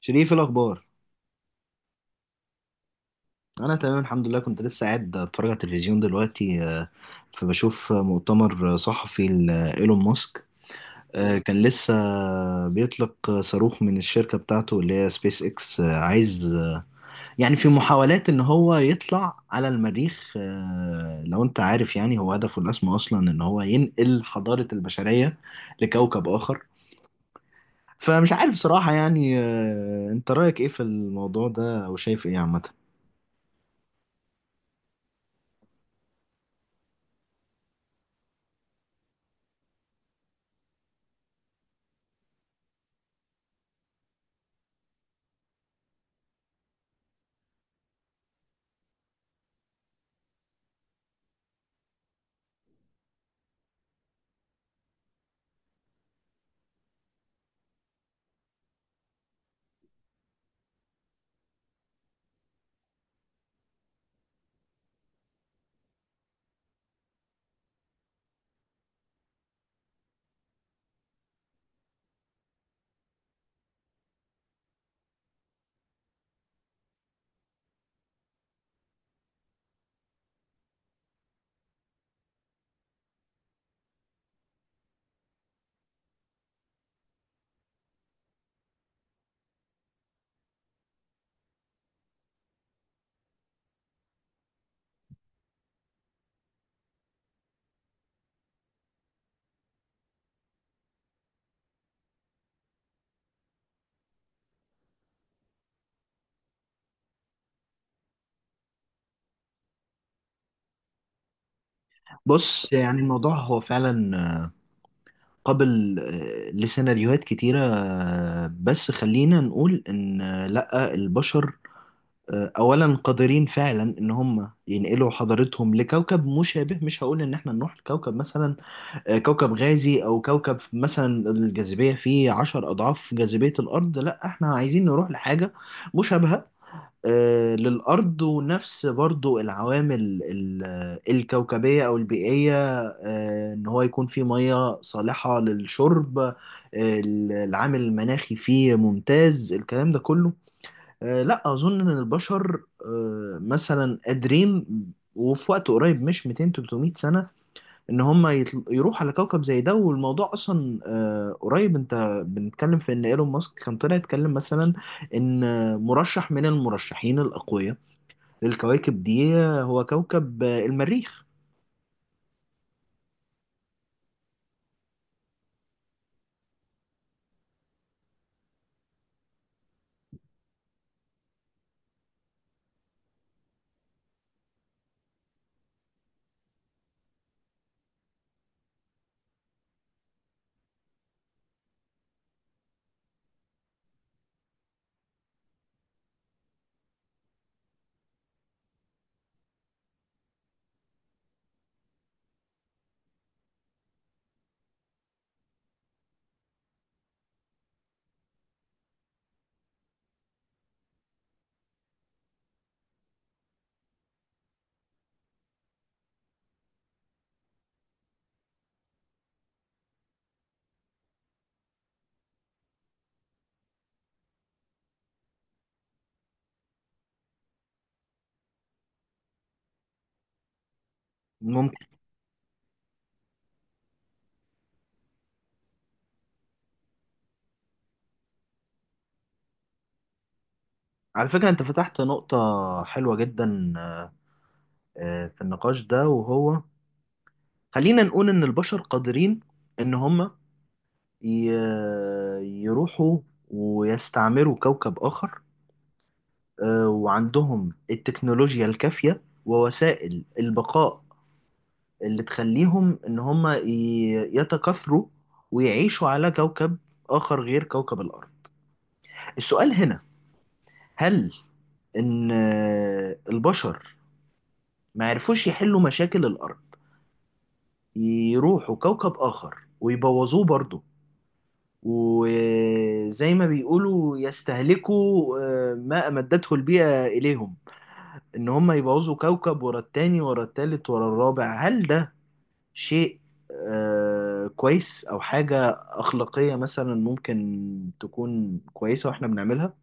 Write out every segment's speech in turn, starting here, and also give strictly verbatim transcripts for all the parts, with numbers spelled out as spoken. شريف الأخبار. أنا تمام الحمد لله، كنت لسه قاعد أتفرج على التلفزيون دلوقتي. آه، فبشوف مؤتمر صحفي لإيلون ماسك. آه، كان لسه بيطلق صاروخ من الشركة بتاعته اللي هي سبيس إكس. آه، عايز يعني في محاولات إن هو يطلع على المريخ. آه، لو أنت عارف، يعني هو هدفه الأسمى أصلا إن هو ينقل حضارة البشرية لكوكب آخر. فمش عارف صراحة، يعني آه، أنت رأيك إيه في الموضوع ده، أو شايف إيه عامة؟ بص، يعني الموضوع هو فعلا قابل آه، لسيناريوهات كتيرة. آه، بس خلينا نقول إن آه، لأ، البشر آه، أولا قادرين فعلا إن هم ينقلوا حضارتهم لكوكب مشابه. مش هقول إن إحنا نروح لكوكب مثلا آه، كوكب غازي، أو كوكب مثلا الجاذبية فيه عشر أضعاف جاذبية الأرض. لأ، إحنا عايزين نروح لحاجة مشابهة آه، للأرض، ونفس برضو العوامل ال- الكوكبية أو البيئية. آه، إن هو يكون فيه مية صالحة للشرب. آه، العامل المناخي فيه ممتاز، الكلام ده كله. آه، لا أظن إن البشر آه، مثلا قادرين، وفي وقت قريب مش ميتين تلتمية سنة، إن هم يطل- يروحوا على كوكب زي ده. والموضوع أصلا آه، قريب. أنت بنتكلم في إن إيلون ماسك كان طلع يتكلم، مثلا إن مرشح من المرشحين الأقوياء الكواكب دي هو كوكب آه، المريخ. ممكن. على فكرة، انت فتحت نقطة حلوة جدا آه، آه، في النقاش ده، وهو: خلينا نقول ان البشر قادرين ان هم ي- يروحوا ويستعمروا كوكب اخر، آه، وعندهم التكنولوجيا الكافية ووسائل البقاء اللي تخليهم ان هم ي- يتكاثروا ويعيشوا على كوكب اخر غير كوكب الارض. السؤال هنا، هل ان آه، البشر ما عرفوش يحلوا مشاكل الارض يروحوا كوكب اخر ويبوظوه برضه، وزي ما بيقولوا يستهلكوا آه، ما امدته البيئة اليهم، ان هم يبوظوا كوكب ورا التاني ورا التالت ورا الرابع؟ هل ده شيء آه، كويس، او حاجة اخلاقية مثلا ممكن تكون كويسة واحنا بنعملها؟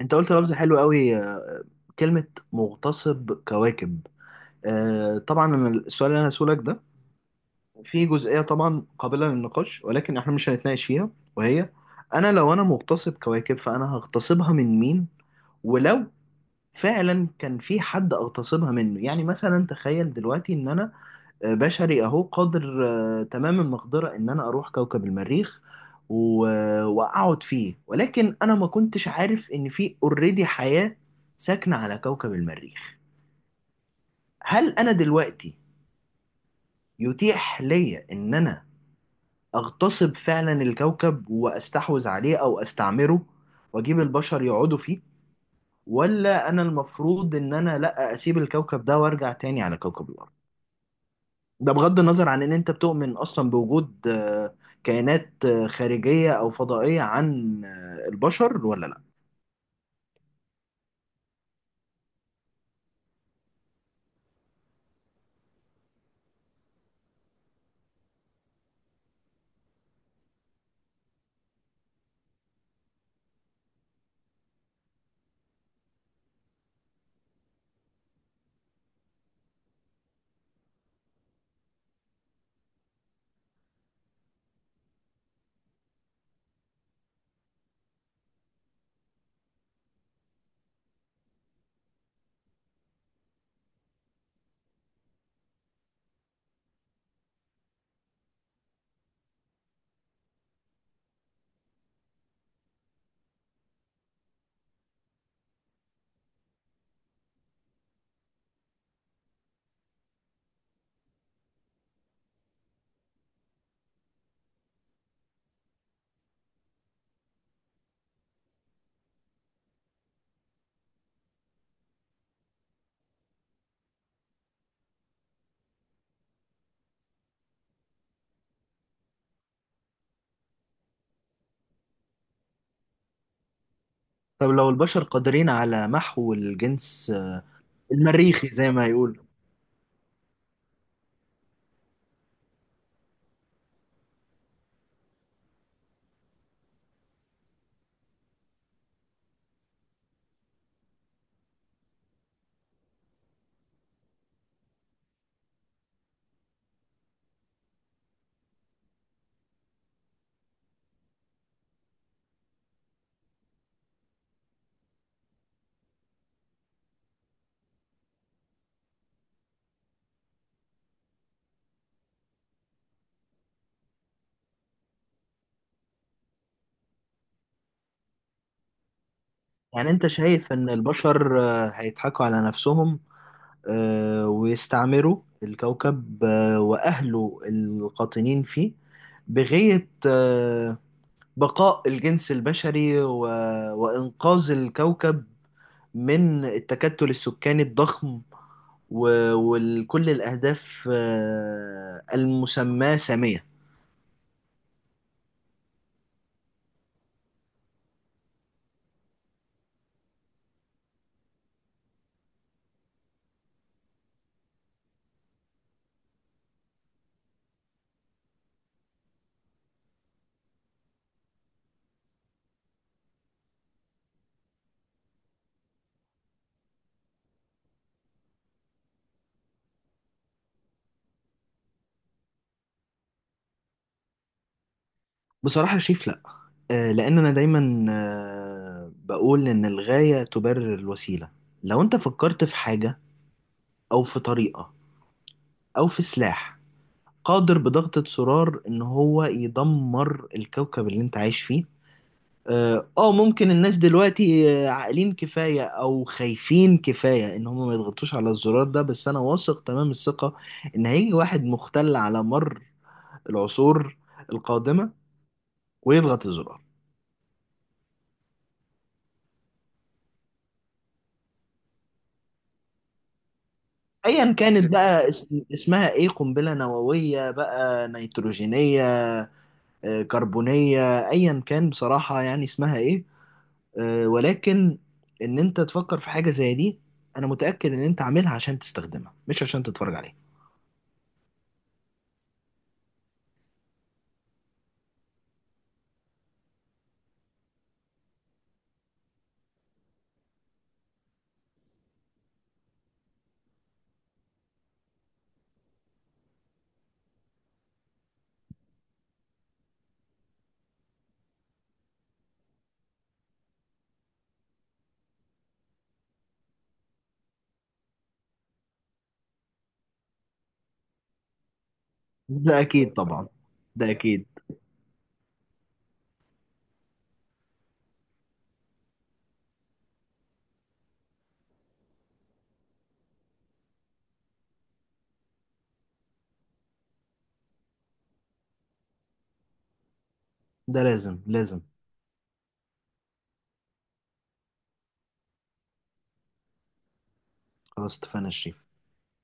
انت قلت لفظ حلو قوي آه، كلمة مغتصب كواكب. آه، طبعا أنا السؤال اللي انا هسألك ده في جزئيه طبعا قابله للنقاش، ولكن احنا مش هنتناقش فيها. وهي: انا لو انا مغتصب كواكب، فانا هغتصبها من مين؟ ولو فعلا كان في حد اغتصبها منه، يعني مثلا تخيل دلوقتي ان انا آه، بشري اهو قادر آه، تمام المقدره ان انا اروح كوكب المريخ و- واقعد فيه، ولكن انا ما كنتش عارف ان في اوريدي حياه ساكنه على كوكب المريخ. هل انا دلوقتي يتيح ليا ان انا اغتصب فعلا الكوكب واستحوذ عليه او استعمره، واجيب البشر يقعدوا فيه؟ ولا انا المفروض ان انا لا اسيب الكوكب ده وارجع تاني على كوكب الارض؟ ده بغض النظر عن ان انت بتؤمن اصلا بوجود آه، كائنات آه، خارجية او فضائية عن آه، البشر ولا لا. طب لو البشر قادرين على محو الجنس آه، المريخي، زي ما يقول. يعني انت شايف ان البشر آه، هيضحكوا على نفسهم آه، ويستعمروا الكوكب آه، وأهله القاطنين فيه بغية آه، بقاء الجنس البشري و- وإنقاذ الكوكب من التكتل السكاني الضخم، و- وكل الأهداف آه، المسماة سامية. بصراحة شايف لأ. آه، لأن أنا دايما آه، بقول إن الغاية تبرر الوسيلة. لو أنت فكرت في حاجة، أو في طريقة، أو في سلاح قادر بضغطة زرار ان هو يدمر الكوكب اللي انت عايش فيه، اه، آه، ممكن الناس دلوقتي آه، عاقلين كفاية او خايفين كفاية ان هم ما يضغطوش على الزرار ده، بس انا واثق تمام الثقة ان هيجي واحد مختل على مر العصور القادمة ويضغط الزرار. ايا كانت بقى اس- اسمها ايه، قنبلة نووية بقى، نيتروجينية، آه، كربونية، ايا كان بصراحة يعني اسمها ايه. آه، ولكن ان انت تفكر في حاجه زي دي، انا متاكد ان انت عاملها عشان تستخدمها مش عشان تتفرج عليها. ده اكيد طبعا. ده اكيد. ده لازم لازم. خلاص، اتفقنا يا شريف.